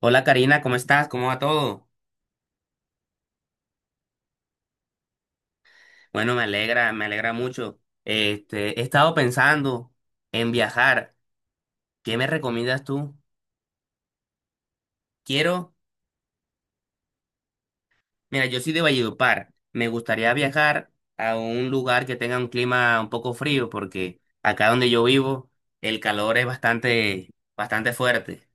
Hola, Karina, ¿cómo estás? ¿Cómo va todo? Bueno, me alegra mucho. He estado pensando en viajar. ¿Qué me recomiendas tú? Quiero, mira, yo soy de Valledupar. Me gustaría viajar a un lugar que tenga un clima un poco frío, porque acá donde yo vivo, el calor es bastante, bastante fuerte.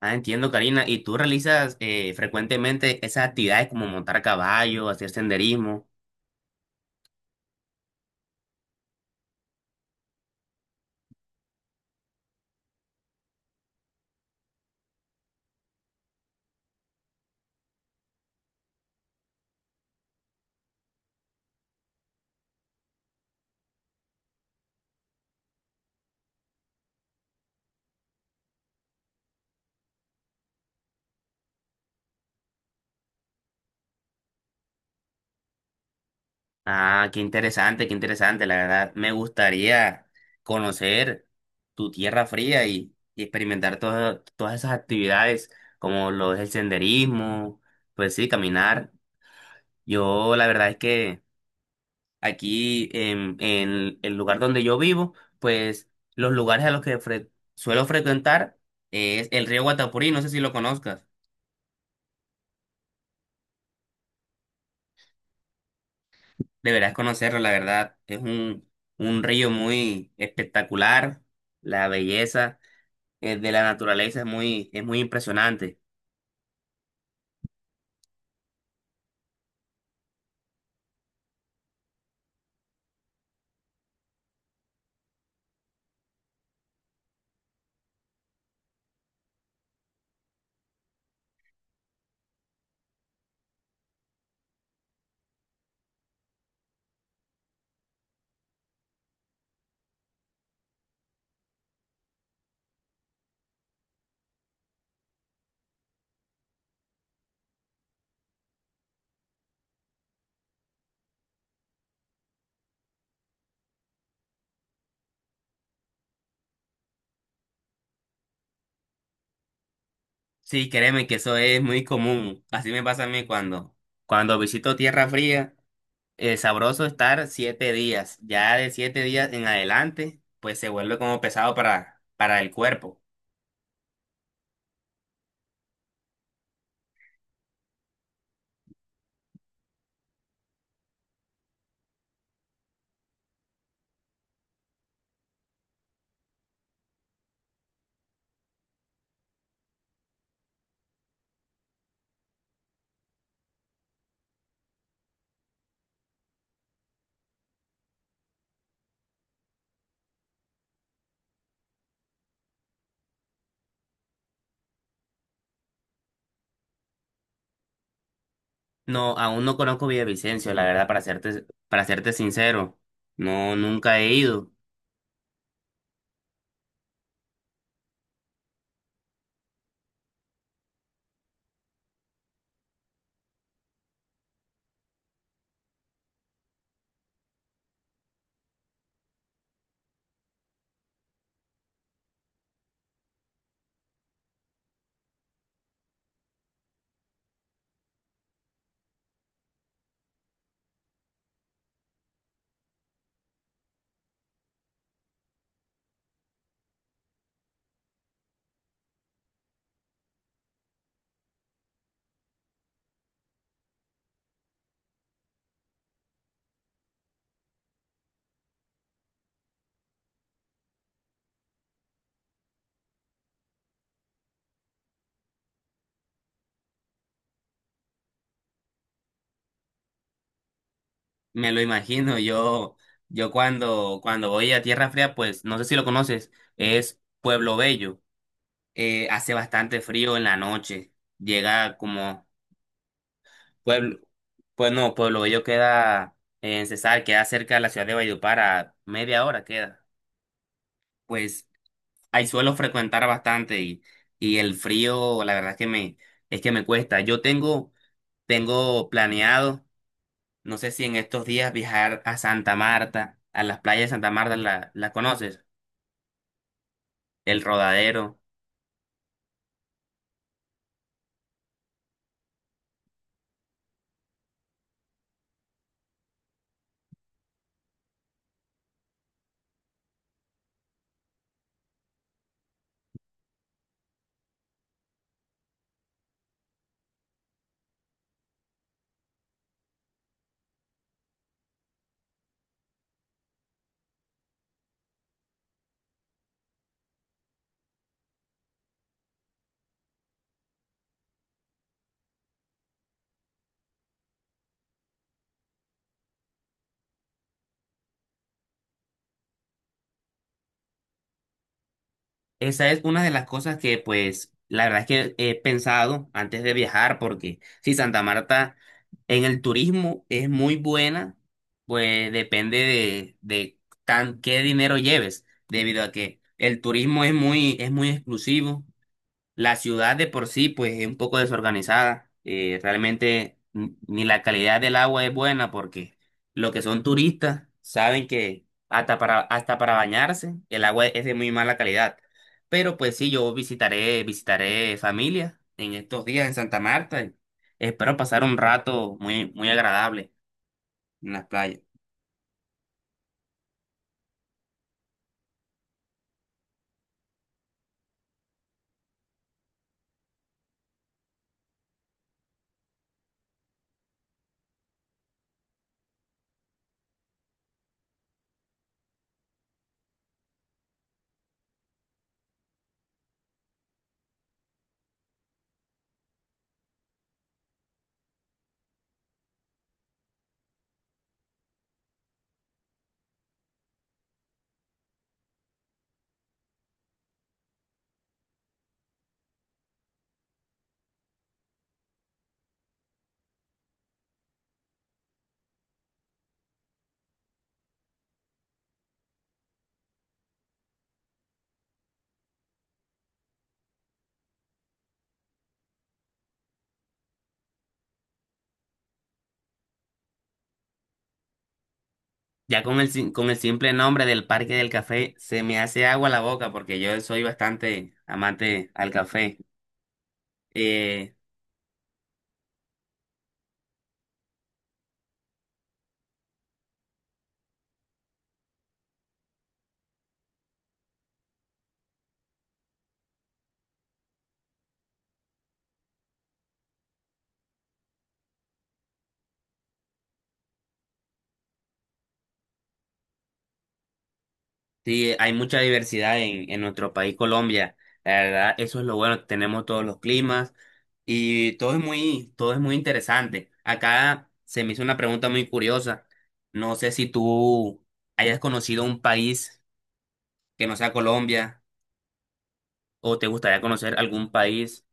Ah, entiendo, Karina. ¿Y tú realizas frecuentemente esas actividades como montar caballo, hacer senderismo? Ah, qué interesante, la verdad. Me gustaría conocer tu tierra fría y experimentar todas esas actividades, como lo es el senderismo, pues sí, caminar. Yo la verdad es que en el lugar donde yo vivo, pues los lugares a los que suelo frecuentar es el río Guatapurí, no sé si lo conozcas. Deberás conocerlo, la verdad. Es un río muy espectacular, la belleza de la naturaleza es muy impresionante. Sí, créeme que eso es muy común. Así me pasa a mí cuando visito tierra fría, es sabroso estar 7 días. Ya de 7 días en adelante, pues se vuelve como pesado para el cuerpo. No, aún no conozco Villavicencio, la verdad, para serte sincero. No, nunca he ido. Me lo imagino. Yo, cuando voy a Tierra Fría, pues no sé si lo conoces, es Pueblo Bello. Hace bastante frío en la noche. Llega como pueblo, pues no, Pueblo Bello queda en Cesar, queda cerca de la ciudad de Valledupar, a media hora queda. Pues ahí suelo frecuentar bastante y el frío, la verdad es es que me cuesta. Yo tengo, tengo planeado, no sé si en estos días viajar a Santa Marta, a las playas de Santa Marta, ¿la conoces? El Rodadero. Esa es una de las cosas que, pues, la verdad es que he pensado antes de viajar, porque si Santa Marta en el turismo es muy buena, pues depende de tan, qué dinero lleves, debido a que el turismo es muy exclusivo. La ciudad de por sí, pues, es un poco desorganizada. Realmente ni la calidad del agua es buena porque los que son turistas saben que hasta para bañarse el agua es de muy mala calidad. Pero pues sí, yo visitaré, visitaré familia en estos días en Santa Marta y espero pasar un rato muy, muy agradable en las playas. Ya con con el simple nombre del Parque del Café se me hace agua la boca porque yo soy bastante amante al café. Eh, Sí, hay mucha diversidad en nuestro país, Colombia. La verdad, eso es lo bueno. Tenemos todos los climas y todo es muy interesante. Acá se me hizo una pregunta muy curiosa. No sé si tú hayas conocido un país que no sea Colombia o te gustaría conocer algún país.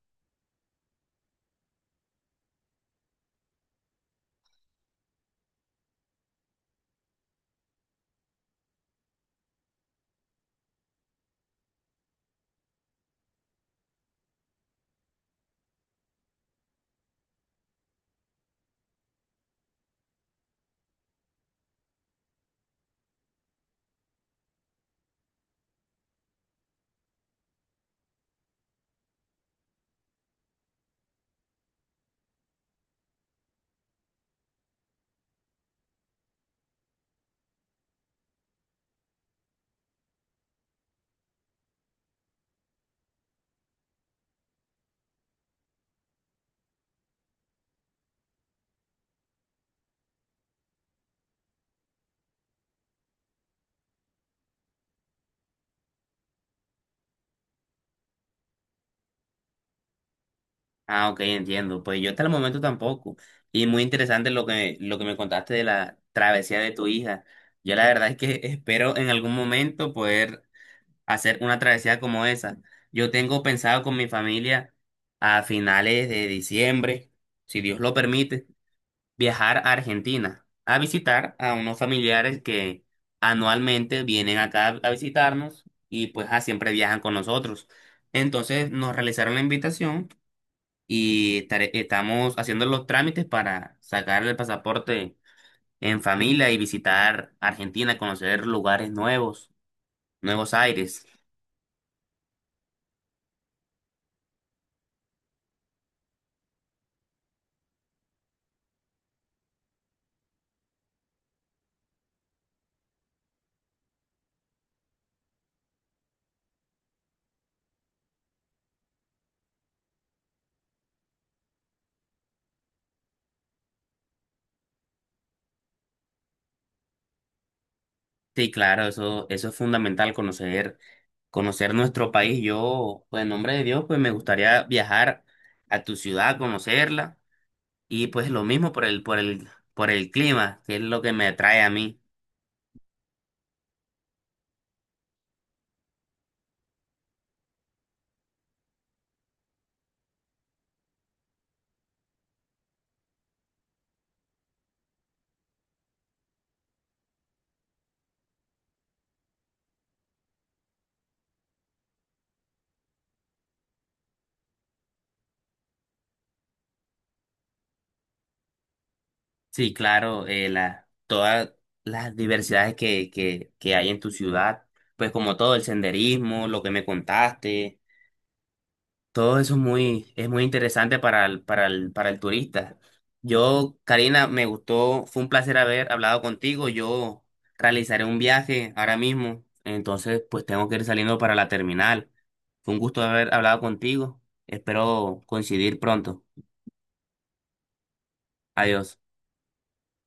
Ah, ok, entiendo. Pues yo hasta el momento tampoco. Y muy interesante lo que me contaste de la travesía de tu hija. Yo la verdad es que espero en algún momento poder hacer una travesía como esa. Yo tengo pensado con mi familia a finales de diciembre, si Dios lo permite, viajar a Argentina a visitar a unos familiares que anualmente vienen acá a visitarnos y pues siempre viajan con nosotros. Entonces nos realizaron la invitación y estamos haciendo los trámites para sacar el pasaporte en familia y visitar Argentina, conocer lugares nuevos, nuevos aires. Sí, claro, eso es fundamental, conocer, conocer nuestro país. Yo, pues en nombre de Dios, pues me gustaría viajar a tu ciudad, conocerla, y pues lo mismo por el clima, que es lo que me atrae a mí. Sí, claro, todas las diversidades que hay en tu ciudad, pues como todo el senderismo, lo que me contaste. Todo eso es muy interesante para el turista. Yo, Karina, me gustó, fue un placer haber hablado contigo. Yo realizaré un viaje ahora mismo, entonces pues tengo que ir saliendo para la terminal. Fue un gusto haber hablado contigo. Espero coincidir pronto. Adiós.